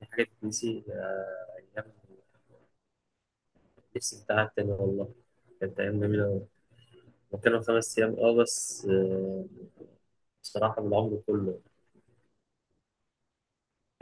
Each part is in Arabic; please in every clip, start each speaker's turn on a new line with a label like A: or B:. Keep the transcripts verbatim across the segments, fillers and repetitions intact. A: دي حاجة تتنسي؟ آه، أيام نفسي بتاعها تاني، والله. كانت أيام جميلة أوي. هو كانوا خمس أيام أه بس، آه، بصراحة بالعمر كله.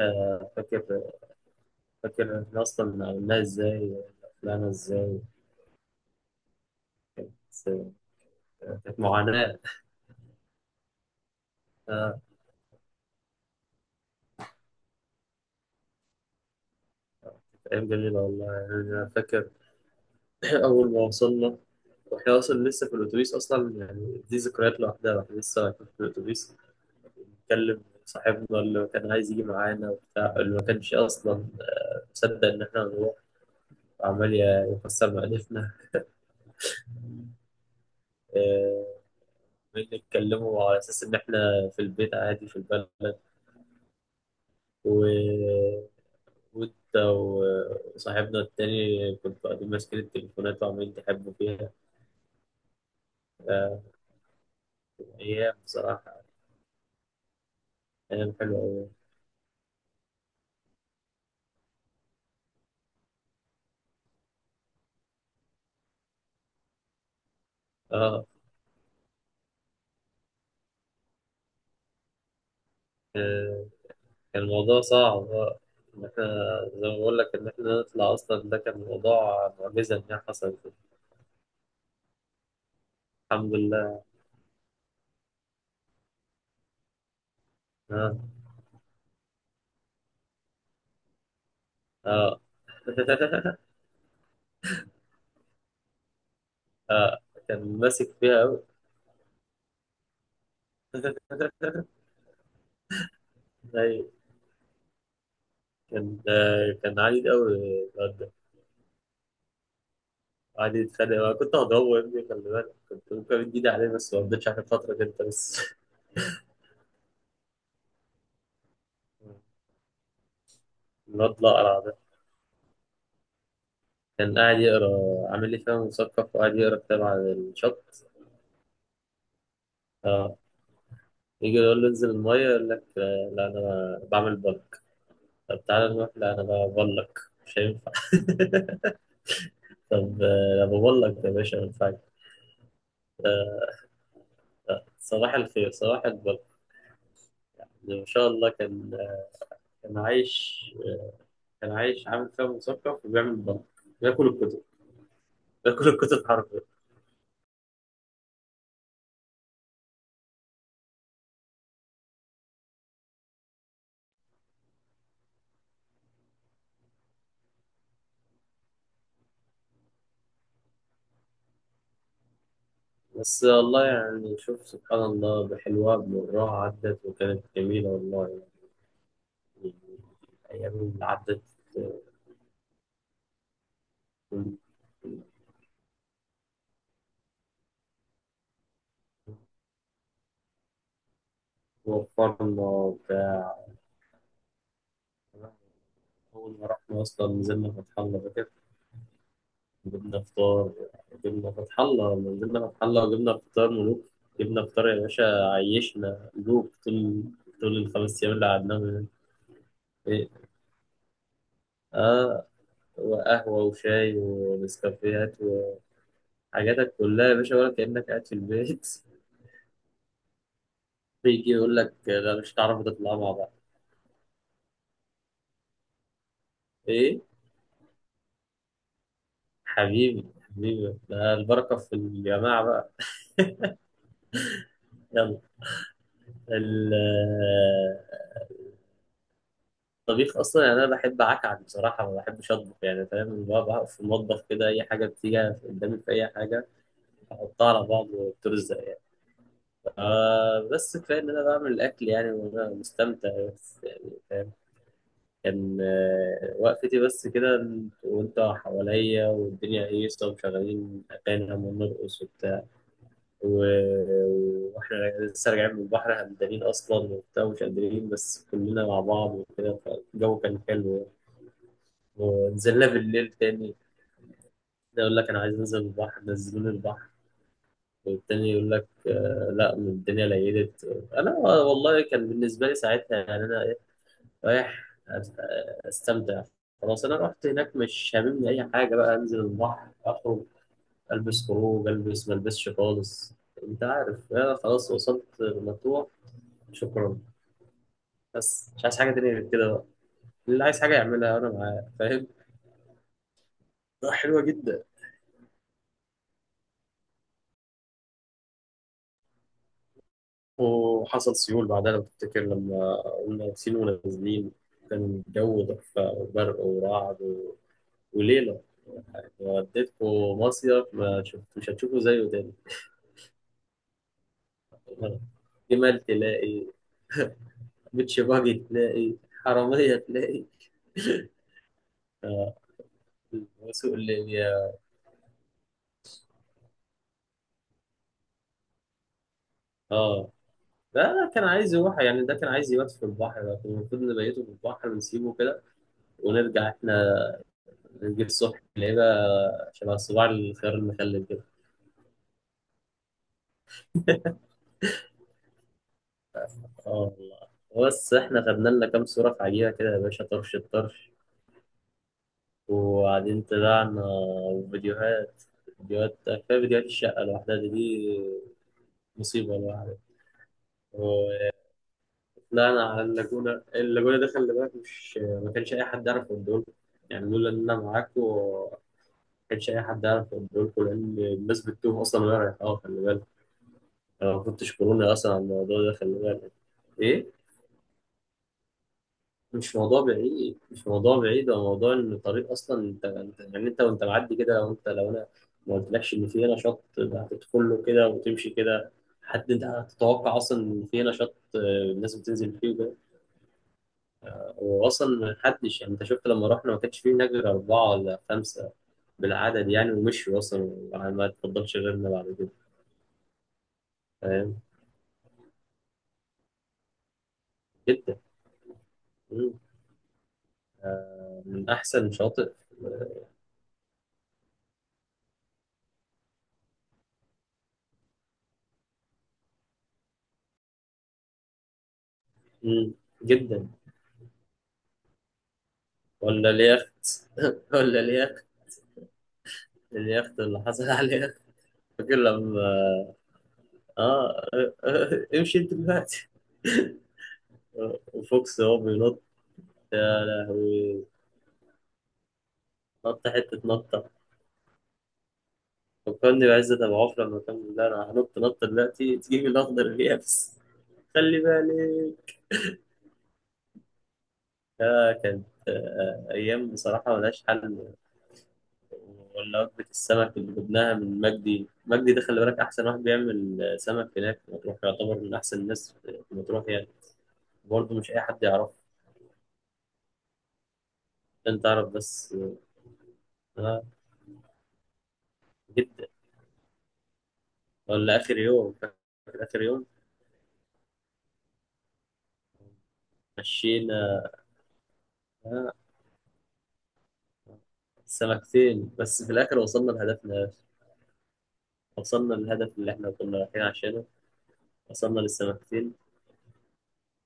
A: آه، فاكر فاكر إحنا أصلا عملناها إزاي، طلعنا إزاي بس، آه، كانت معاناة. آه. كانت أيام جميلة، والله يعني. أنا فاكر. أول ما وصلنا وإحنا أصلا لسه في الأتوبيس، أصلا يعني دي ذكريات لوحدها. إحنا لسه رايحين في الأتوبيس، بنتكلم صاحبنا اللي كان عايز يجي معانا وبتاع، اللي ما كانش أصلا تصدق إن إحنا نروح. عمال يكسر مألفنا. آه، عمال نتكلموا على أساس إن إحنا في البيت عادي في البلد، و... وأنت و- وصاحبنا التاني كنت قاعدين ماسكين التليفونات وعمالين تحبوا فيها. آه، أيام بصراحة، أيام حلوة أوي. آه. آه، كان الموضوع صعب، آه، إن إحنا زي ما بقول لك إن إحنا نطلع أصلا، ده كان موضوع معجزة إن هي حصلت. الحمد لله. آه. آه. آه، كان ماسك فيها أوي. أيوة. كان كان عنيد قوي، الواد ده. قعد يتخانق. أنا كنت هضربه يا ابني، خلي بالك، كنت ممكن أمد إيدي عليه، بس ما قضيتش عشان خاطرك أنت بس. الواد الأقرع ده كان قاعد يقرا، عامل لي فيها مثقف وقاعد يقرا كتاب على الشط. اه. يجي يقول له انزل المية، يقول لك آه، لا أنا بعمل بلك. طب تعالى نروح، لا أنا ببلك. مش هينفع. طب آه، أنا ببلك يا باشا، ما ينفعش. آه، صباح الخير، صباح البلك. ما شاء الله. كان كان عايش كان عايش عامل فيها مثقف وبيعمل مغامرة. بياكل الكتب. بياكل الكتب حرفيا. بس والله يعني، شوف سبحان الله، بحلوها بمرها عدت وكانت جميلة، والله يعني. الأيام اللي عدت. وفرنا وبتاع. أول ما رحنا أصلا نزلنا فتح الله، فاكر؟ جبنا فطار. جبنا فتح الله، نزلنا فتح الله وجبنا فطار ملوك. جبنا فطار يا باشا. عيشنا ملوك، طول، طول الخمس أيام اللي قعدناهم هناك. إيه. آه. وقهوة وشاي ونسكافيهات وحاجاتك كلها يا باشا، ولا كأنك قاعد في البيت. بيجي يقول لك لا، مش هتعرفوا تطلعوا مع بعض. إيه. حبيبي، حبيبي، ده البركة في الجماعة بقى. يلا. ال- الطبيخ أصلا، يعني أنا بحب أعكعك بصراحة، ما بحبش أطبخ يعني، فاهم بقى. بقف في المطبخ كده، أي حاجة بتيجي قدامي في أي حاجة أحطها على بعض وبترزق يعني. آه. بس كفاية إن أنا بعمل الأكل يعني، وأنا مستمتع بس يعني. كان آه، وقفتي بس كده، وانت حواليا، والدنيا هيصة، ومشغلين أغاني ونرقص وبتاع. و- وإحنا لسه راجعين من البحر، همدانين أصلا وبتاع ومش قادرين، بس كلنا مع بعض وكده، فالجو كان حلو يعني. ونزلنا بالليل تاني. ده يقول لك أنا عايز أنزل البحر، نزلوني البحر. والتاني يقول لك آه، لا، الدنيا ليلت. أنا والله كان بالنسبة لي ساعتها يعني، أنا رايح أت- استمتع. خلاص، انا رحت هناك، مش هاممني اي حاجه بقى. انزل البحر، اخرج، البس خروج، البس، ما البسش خالص. انت عارف انا خلاص وصلت مطروح، شكرا. بس مش عايز حاجه تانية غير كده بقى. اللي عايز حاجه يعملها، انا معاه، فاهم. حلوه جدا. وحصل سيول بعدها، لو تفتكر، لما قلنا واقفين ونازلين. كان الجو تحفه، وبرق ورعد و... وليله. وديتكم مصيف ما شفت، مش هتشوفوا زيه تاني. جمال تلاقي، بيتش باجي تلاقي، حرامية تلاقي. اه. سوق الليبيا. اه. لا لا، كان عايز يروح يعني، ده كان عايز يبات في البحر، لكن المفروض نبيته في البحر ونسيبه كده، ونرجع احنا، نجيب الصبح نلاقيه بقى شبه صباع الخيار المخلل كده. اه والله. بس احنا خدنا لنا كام صورة في عجيبة كده يا باشا، طرش الطرش. وبعدين طلعنا. وفيديوهات. فيديوهات كفاية، فيديوهات الشقة لوحدها دي دي مصيبة لوحدها. لا، انا على اللاجونه. اللاجونه ده خلي بالك، مش ما كانش اي حد يعرف الدول. يعني لولا ان انا معاكم ما كانش اي حد يعرف الدول، لان الناس بتتوه اصلا وهي رايحه. اه، خلي بالك. انا ما كنتش كورونا اصلا على الموضوع ده، خلي بالك. ايه. مش موضوع بعيد، مش موضوع بعيد، هو موضوع ان الطريق اصلا، انت أنت- يعني انت وانت معدي كده، لو انت، لو انا ما قلتلكش ان في هنا شط، ده هتدخل له كده وتمشي كده. حد انت هتتوقع اصلا ان في هنا شط؟ آه، الناس بتنزل فيه. واصلا ما حدش، يعني انت شفت لما رحنا، ما كانش فيه هناك غير اربعه ولا خمسه بالعدد يعني. ومشوا اصلا، وما تفضلش غيرنا بعد كده، فاهم. جدا. مم. من احسن شاطئ. مم. جدا. ولا اليخت. ولا اليخت. اليخت اللي حصل عليه، فاكر لما؟ اه. آه، آه، امشي انت دلوقتي، وفوكس هو بينط. يا لهوي. نط حته نط. فكرني بعزت أبو عوف لما كان بيقول أنا هنط نط دلوقتي، تجيب الأخضر اليابس. خلي بالك. آه، كانت، آه، أيام بصراحة ملهاش حل. ولا وجبة السمك اللي جبناها من مجدي. مجدي ده خلي بالك أحسن واحد بيعمل آه، سمك هناك في مطروح، يعتبر من أحسن الناس في مطروح يعني. برضه مش أي حد يعرفه. أنت تعرف بس. آه. جدا. ولا آخر يوم، فاكر؟ آخر يوم. مشينا. آه. سمكتين بس في الآخر، وصلنا لهدفنا. وصلنا للهدف اللي إحنا كنا رايحين عشانه. وصلنا للسمكتين.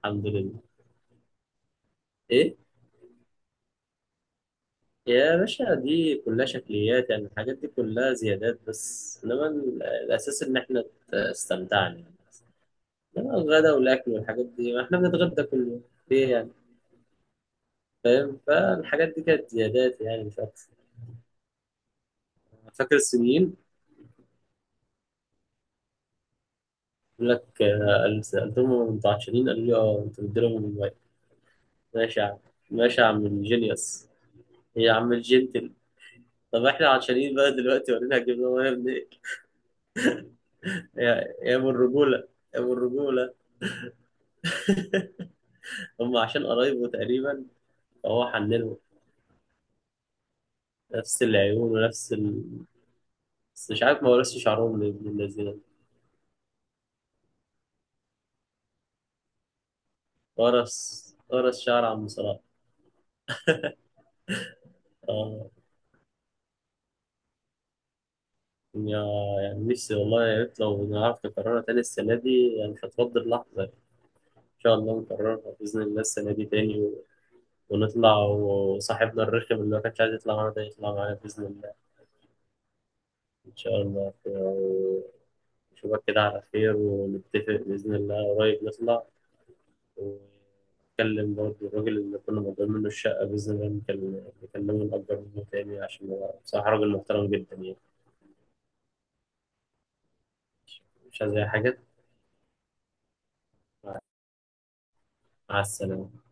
A: الحمد لله. ايه. يا باشا، دي كلها شكليات يعني، الحاجات دي كلها زيادات، بس انما ال- الاساس ان احنا ت- استمتعنا يعني. انما الغدا والاكل والحاجات دي، ما احنا بنتغدى كل يوم ليه يعني. فاهم. فالحاجات دي كانت زيادات يعني، مش اكتر. فاكر الصينيين؟ يقول لك آه، قال- سالتهم هم متعشرين، قالوا لي اه. انتوا بتديلهم الموبايل؟ ماشي يا عم. ماشي يا عم الجينيوس. يا عم الجنتل. طب احنا عطشانين بقى دلوقتي، ورينا هتجيب لهم إيه يا ابني. يا يا ابو الرجوله، يا ابو الرجوله. هم عشان قرايبه تقريبا، فهو حنلهم نفس العيون ونفس ال... بس مش عارف ما ورثش شعرهم لابن الذين. ورث. ورث شعر عم صلاح. اه. يا يعني نفسي والله، يا ريت لو نعرف نكررها تاني السنة دي يعني، مش هتفضل لحظة. إن شاء الله نكررها بإذن الله السنة دي تاني، و- ونطلع، وصاحبنا الرخم اللي ما كانش عايز يطلع معانا ده، يطلع معانا بإذن الله. إن شاء الله. ك- أشوفك كده على خير، ونتفق بإذن الله قريب نطلع، ونتكلم برضه الراجل اللي كنا مضيين منه الشقة، بإذن الله نكلم- نكلمه، نقدر منه تاني، عشان هو بصراحة راجل محترم جدا يعني. مش عايز أي حاجة. مع. مع السلامة.